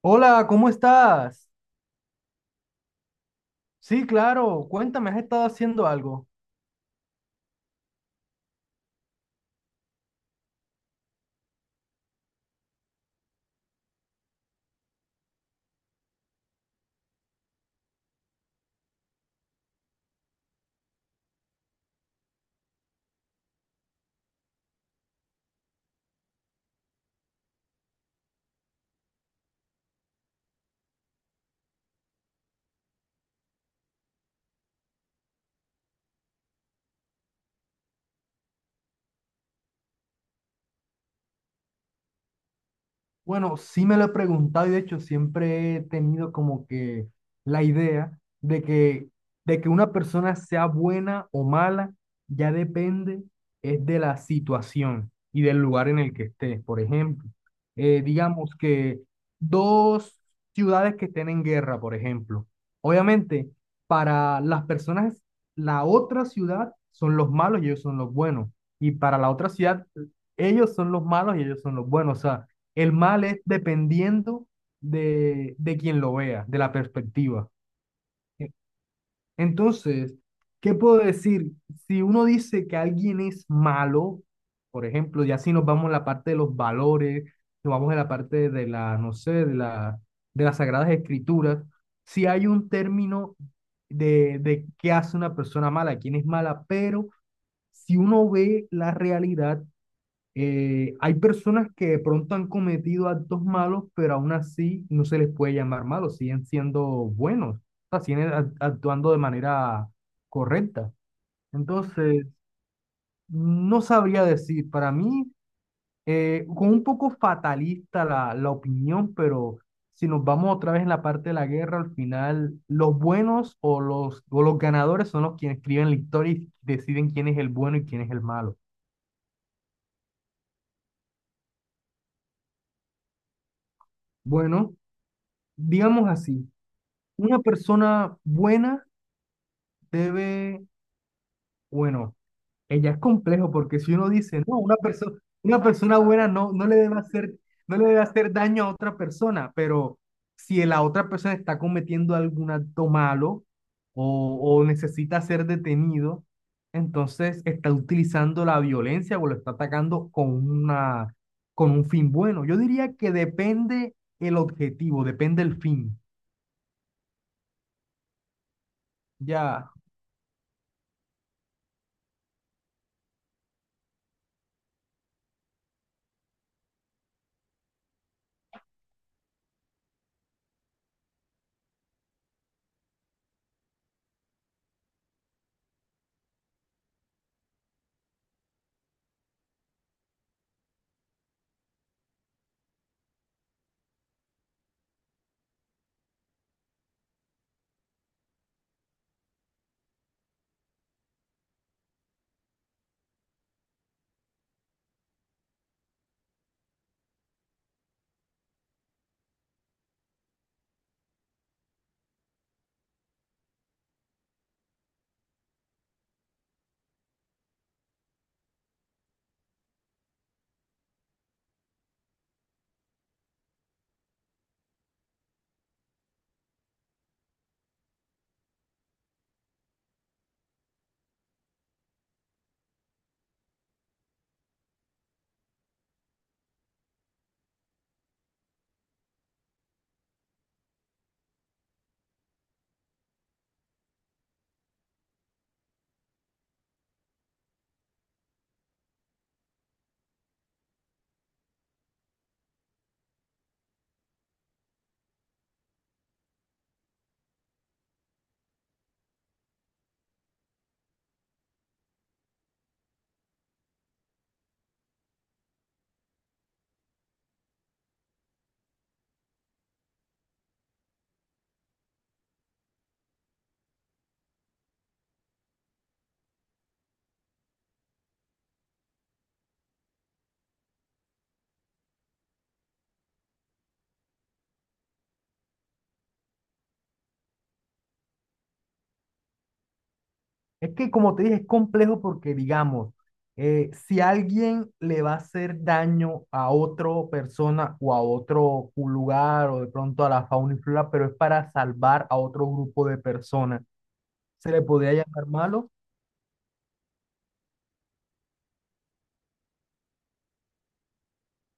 Hola, ¿cómo estás? Sí, claro, cuéntame, ¿has estado haciendo algo? Bueno, sí me lo he preguntado y de hecho siempre he tenido como que la idea de que una persona sea buena o mala ya depende es de la situación y del lugar en el que estés. Por ejemplo, digamos que dos ciudades que estén en guerra, por ejemplo. Obviamente, para las personas, la otra ciudad son los malos y ellos son los buenos. Y para la otra ciudad, ellos son los malos y ellos son los buenos. O sea, el mal es dependiendo de quien lo vea, de la perspectiva. E- Entonces, ¿qué puedo decir? Si uno dice que alguien es malo, por ejemplo, ya si nos vamos a la parte de los valores, nos vamos a la parte de la, no sé, de la, de las sagradas escrituras, si hay un término de qué hace una persona mala, quién es mala, pero si uno ve la realidad, hay personas que de pronto han cometido actos malos, pero aún así no se les puede llamar malos, siguen siendo buenos, o sea, actuando de manera correcta. Entonces, no sabría decir, para mí, con un poco fatalista la, la opinión, pero si nos vamos otra vez en la parte de la guerra, al final los buenos o o los ganadores son los quienes escriben la historia y deciden quién es el bueno y quién es el malo. Bueno, digamos así. Una persona buena debe, bueno, ella es complejo porque si uno dice, no, una persona buena no, no le debe hacer, no le debe hacer daño a otra persona, pero si la otra persona está cometiendo algún acto malo o necesita ser detenido, entonces está utilizando la violencia o lo está atacando con una, con un fin bueno. Yo diría que depende el objetivo, depende el fin. Ya. Es que, como te dije, es complejo porque, digamos, si alguien le va a hacer daño a otra persona o a otro lugar o de pronto a la fauna y flora, pero es para salvar a otro grupo de personas, ¿se le podría llamar malo?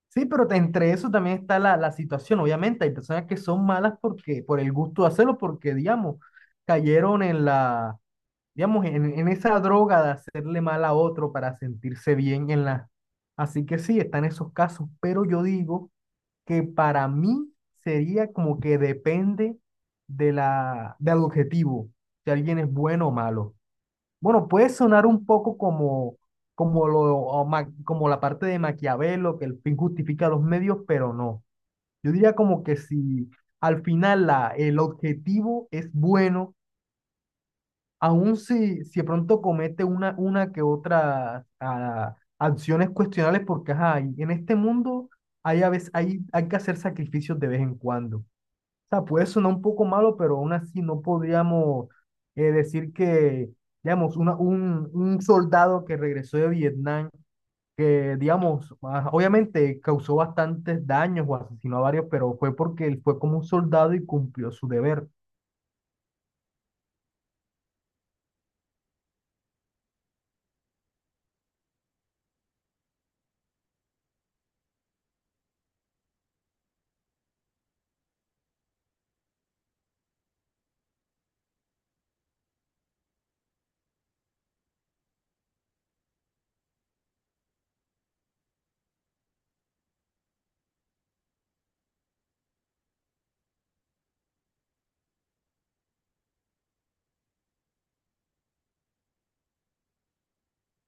Sí, pero entre eso también está la, la situación. Obviamente, hay personas que son malas porque, por el gusto de hacerlo, porque, digamos, cayeron en la digamos, en esa droga de hacerle mal a otro para sentirse bien en la... Así que sí, están esos casos, pero yo digo que para mí sería como que depende de la, del objetivo, si alguien es bueno o malo. Bueno, puede sonar un poco como, como, lo, como la parte de Maquiavelo, que el fin justifica los medios, pero no. Yo diría como que si al final la, el objetivo es bueno, aún si, si de pronto comete una que otra acciones cuestionables, porque ajá, y en este mundo hay, a veces, hay que hacer sacrificios de vez en cuando. O sea, puede sonar un poco malo, pero aún así no podríamos decir que, digamos, una, un soldado que regresó de Vietnam, que, digamos, obviamente causó bastantes daños o asesinó a varios, pero fue porque él fue como un soldado y cumplió su deber.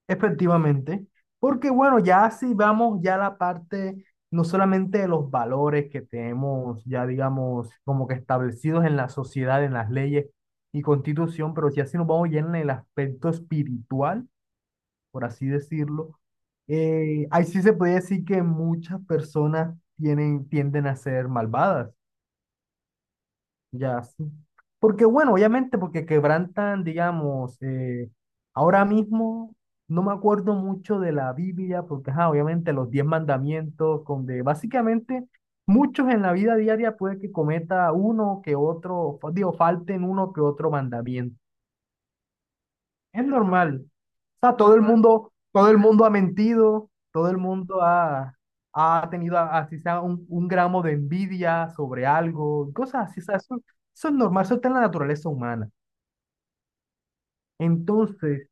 Efectivamente, porque bueno, ya si vamos ya a la parte no solamente de los valores que tenemos ya digamos como que establecidos en la sociedad, en las leyes y constitución, pero ya si nos vamos ya en el aspecto espiritual, por así decirlo, ahí sí se puede decir que muchas personas tienen, tienden a ser malvadas. Ya, sí. Porque bueno, obviamente porque quebrantan, digamos, ahora mismo no me acuerdo mucho de la Biblia, porque ajá, obviamente los 10 mandamientos, donde básicamente muchos en la vida diaria puede que cometa uno que otro, digo, falten uno que otro mandamiento. Es normal. O sea, todo el mundo ha mentido, todo el mundo ha, ha tenido, a- así sea, un gramo de envidia sobre algo, cosas así, o sea, eso es normal, eso está en la naturaleza humana. Entonces,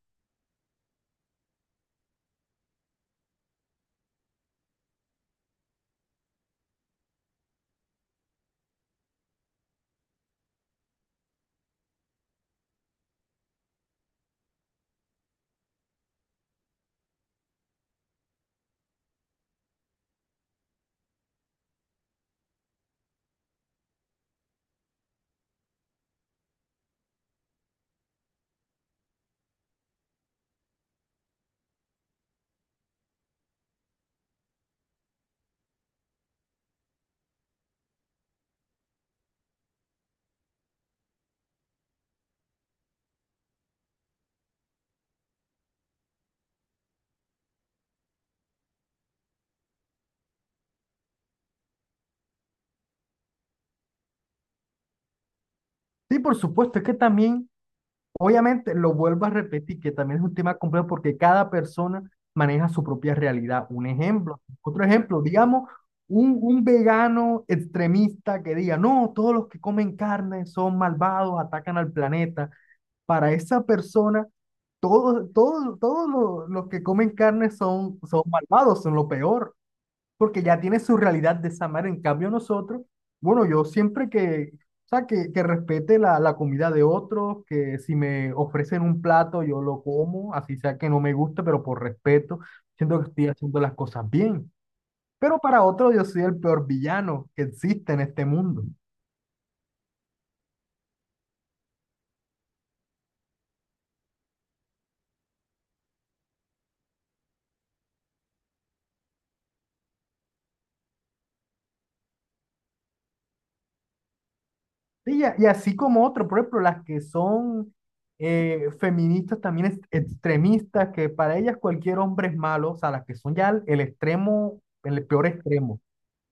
sí, por supuesto, es que también, obviamente, lo vuelvo a repetir, que también es un tema complejo porque cada persona maneja su propia realidad. Un ejemplo, otro ejemplo, digamos, un vegano extremista que diga, no, todos los que comen carne son malvados, atacan al planeta. Para esa persona, todos, todos, todos los que comen carne son, son malvados, son lo peor, porque ya tiene su realidad de esa manera. En cambio nosotros, bueno, yo siempre que, o sea, que respete la, la comida de otros, que si me ofrecen un plato, yo lo como, así sea que no me guste, pero por respeto, siento que estoy haciendo las cosas bien. Pero para otros yo soy el peor villano que existe en este mundo. Sí, y y así como otros, por ejemplo, las que son feministas también extremistas, que para ellas cualquier hombre es malo, o sea, las que son ya el extremo, el peor extremo.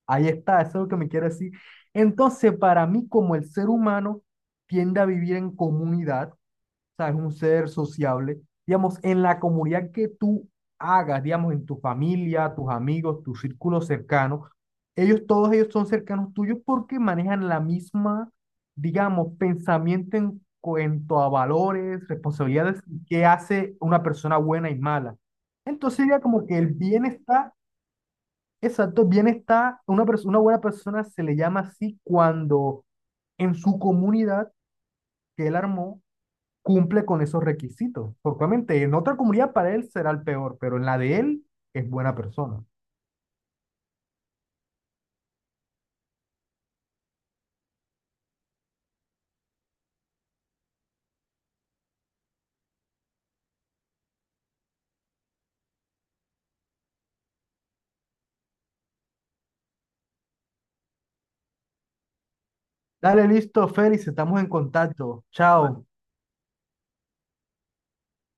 Ahí está, eso es lo que me quiero decir. Entonces, para mí, como el ser humano tiende a vivir en comunidad, sea, es un ser sociable. Digamos, en la comunidad que tú hagas, digamos, en tu familia, tus amigos, tu círculo cercano, ellos, todos ellos son cercanos tuyos porque manejan la misma, digamos, pensamiento en cuanto a valores, responsabilidades que hace una persona buena y mala. Entonces sería como que el bienestar, exacto, bienestar, una, una buena persona se le llama así cuando en su comunidad que él armó, cumple con esos requisitos. Porque obviamente en otra comunidad para él será el peor, pero en la de él es buena persona. Dale, listo, Félix, estamos en contacto. Chao.